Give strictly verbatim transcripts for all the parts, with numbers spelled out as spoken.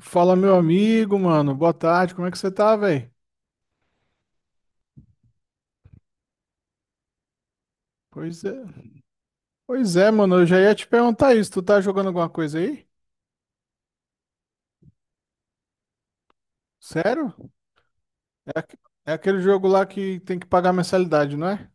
Fala, meu amigo, mano. Boa tarde, como é que você tá, velho? Pois é. Pois é, mano, eu já ia te perguntar isso. Tu tá jogando alguma coisa aí? Sério? É, aque- é aquele jogo lá que tem que pagar mensalidade, não é?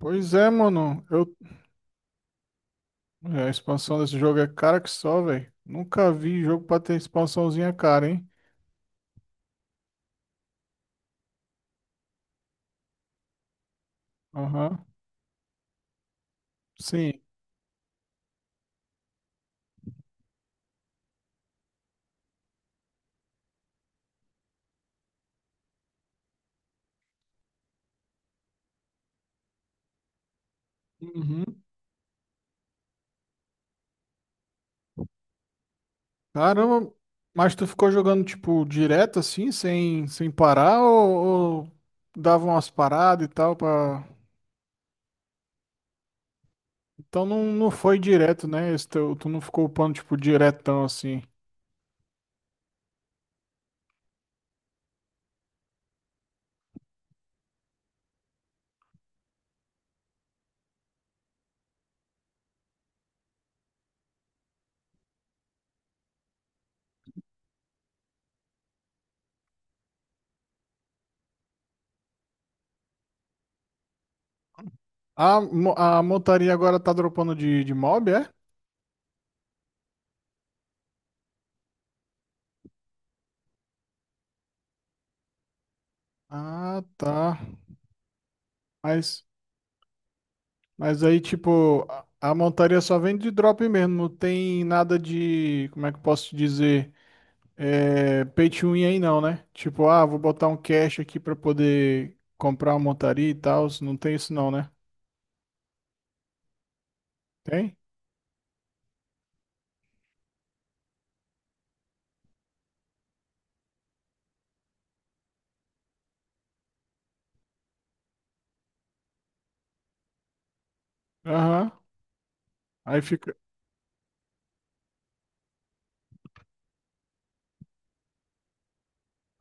Pois é, mano. Eu... é, a expansão desse jogo é cara que só, velho. Nunca vi jogo pra ter expansãozinha cara, hein? Aham. Sim. Uhum. Caramba, mas tu ficou jogando, tipo, direto assim, sem, sem parar ou, ou dava umas paradas e tal pra. Então não, não foi direto, né? Esse teu- tu não ficou upando, tipo, diretão assim. A, mo- a montaria agora tá dropando de, de mob, é? Ah, tá. Mas, mas aí, tipo, a, a montaria só vem de drop mesmo. Não tem nada de, como é que eu posso te dizer? É, pay to win aí não, né? Tipo, ah, vou botar um cash aqui pra poder comprar uma montaria e tal. Não tem isso não, né? Tem? Aham. Aí fica.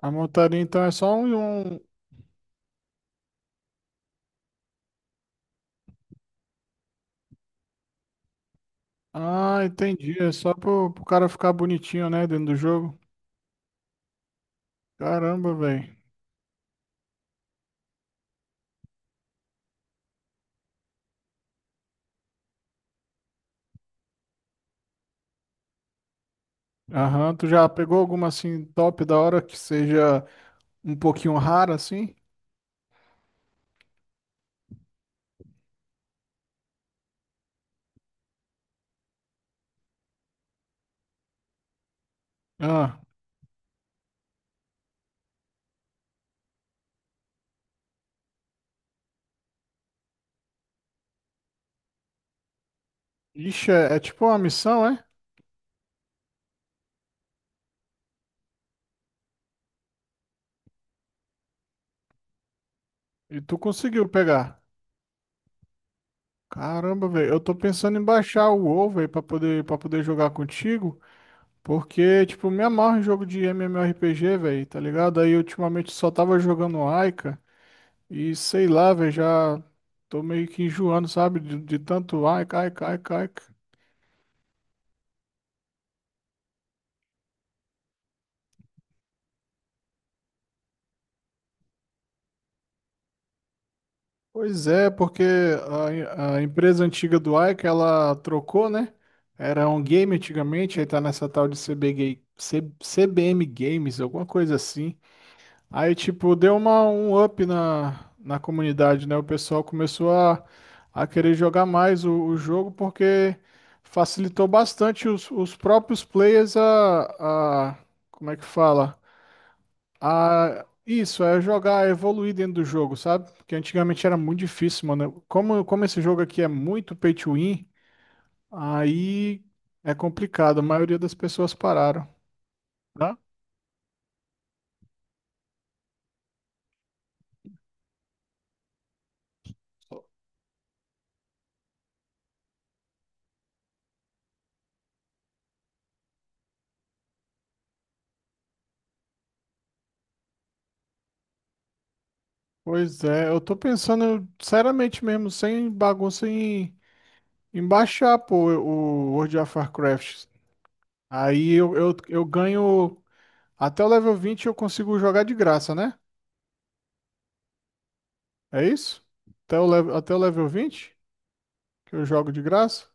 A montaria então é só um. um, Ah, entendi. É só pro, pro cara ficar bonitinho, né, dentro do jogo. Caramba, velho. Aham, tu já pegou alguma assim top da hora que seja um pouquinho rara assim? Ah, ixi, é, é tipo uma missão, é? E tu conseguiu pegar. Caramba, velho. Eu tô pensando em baixar o WoW, velho, pra poder, pra poder jogar contigo. Porque, tipo, me amarro em jogo de M M O R P G, velho, tá ligado? Aí ultimamente só tava jogando Aika e sei lá, velho, já tô meio que enjoando, sabe? De, de tanto Aika, Aika, Aika, Aika. Pois é, porque a, a empresa antiga do Aika, ela trocou, né? Era um game antigamente, aí tá nessa tal de C B G, C- CBM Games, alguma coisa assim. Aí, tipo, deu uma, um up na, na comunidade, né? O pessoal começou a, a querer jogar mais o, o jogo porque facilitou bastante os, os próprios players a, a. Como é que fala? A. Isso, é jogar, a evoluir dentro do jogo, sabe? Porque antigamente era muito difícil, mano. Como, como esse jogo aqui é muito pay to win, aí é complicado. A maioria das pessoas pararam, tá? Pois é, eu tô pensando seriamente mesmo, sem bagunça em Embaixar, pô, o World of Warcraft. Aí eu, eu, eu ganho. Até o level vinte eu consigo jogar de graça, né? É isso? Até o, level, até o level vinte que eu jogo de graça?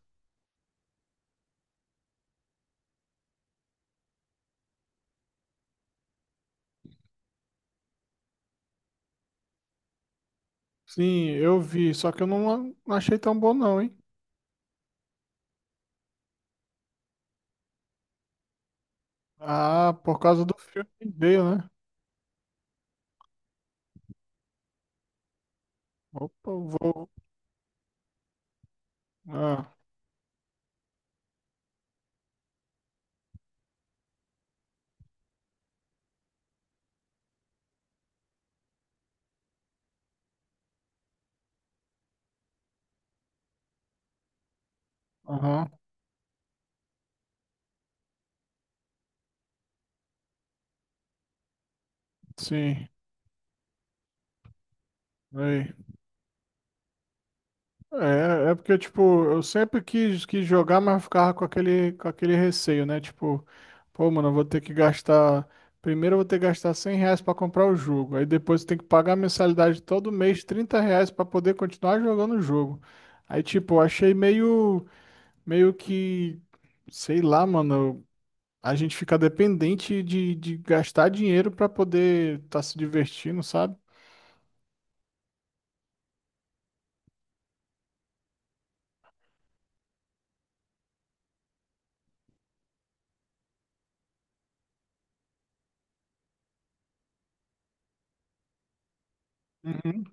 Sim, eu vi. Só que eu não, não achei tão bom, não, hein? Ah, por causa do filme que veio, né? Opa, eu vou. Ah, aham, sim. Aí. É, é porque, tipo, eu sempre quis, quis jogar, mas eu ficava com aquele, com aquele receio, né? Tipo, pô, mano, eu vou ter que gastar. Primeiro eu vou ter que gastar cem reais pra comprar o jogo. Aí depois eu tenho que pagar a mensalidade todo mês, trinta reais pra poder continuar jogando o jogo. Aí, tipo, eu achei meio, meio que, sei lá, mano, a gente fica dependente de, de gastar dinheiro pra poder estar se divertindo, sabe? Uhum.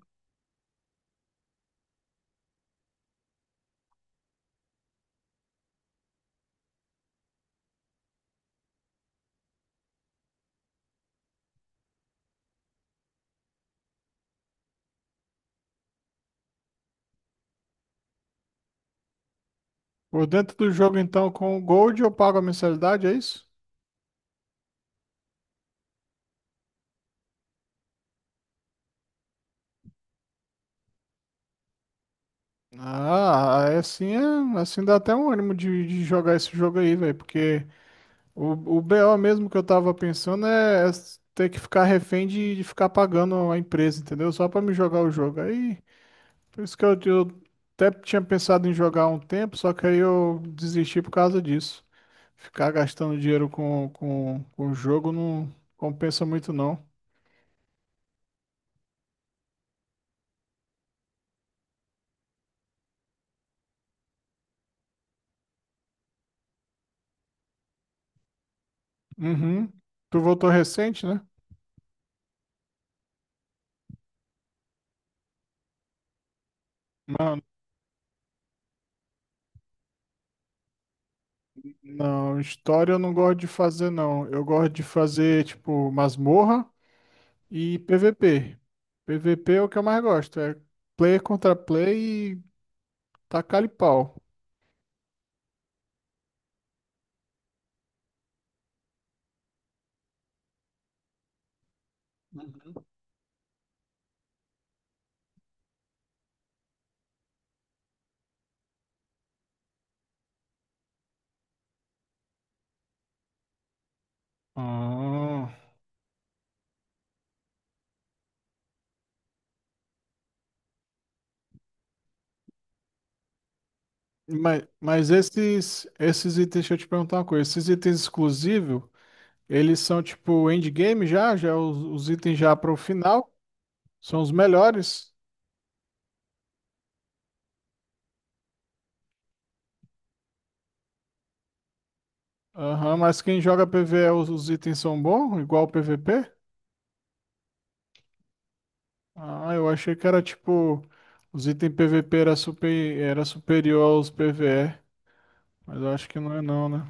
Por dentro do jogo, então, com o Gold eu pago a mensalidade, é isso? Ah, aí assim, é, assim dá até um ânimo de, de jogar esse jogo aí, velho, porque o, o B O mesmo que eu tava pensando é, é ter que ficar refém de, de ficar pagando a empresa, entendeu? Só pra me jogar o jogo. Aí, por isso que eu, eu até tinha pensado em jogar há um tempo, só que aí eu desisti por causa disso. Ficar gastando dinheiro com, com, com o jogo não compensa muito, não. Uhum. Tu voltou recente, né? Não, história eu não gosto de fazer, não. Eu gosto de fazer, tipo, masmorra e P V P. P V P é o que eu mais gosto. É player contra player e tacar pau. Ah, mas, mas esses, esses itens, deixa eu te perguntar uma coisa. Esses itens exclusivos, eles são tipo endgame já? Já é os, os itens já para o final? São os melhores? Aham, mas quem joga PvE, os, os itens são bons? Igual o P V P? Ah, eu achei que era tipo. Os itens P V P era, super, era superior aos P V E. Mas eu acho que não é não, né?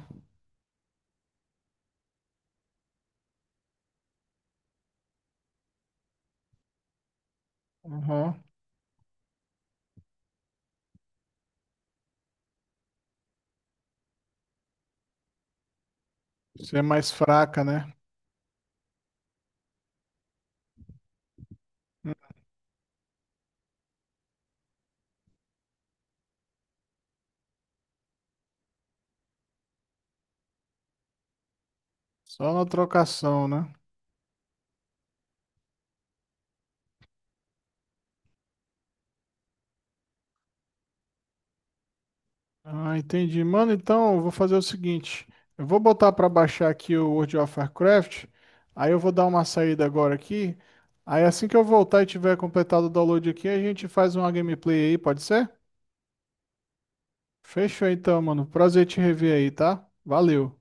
Aham. Você é mais fraca, né? Hum, Só na trocação, né? Ah, entendi. Mano, então eu vou fazer o seguinte. Eu vou botar pra baixar aqui o World of Warcraft. Aí eu vou dar uma saída agora aqui. Aí assim que eu voltar e tiver completado o download aqui, a gente faz uma gameplay aí, pode ser? Fechou então, mano. Prazer te rever aí, tá? Valeu.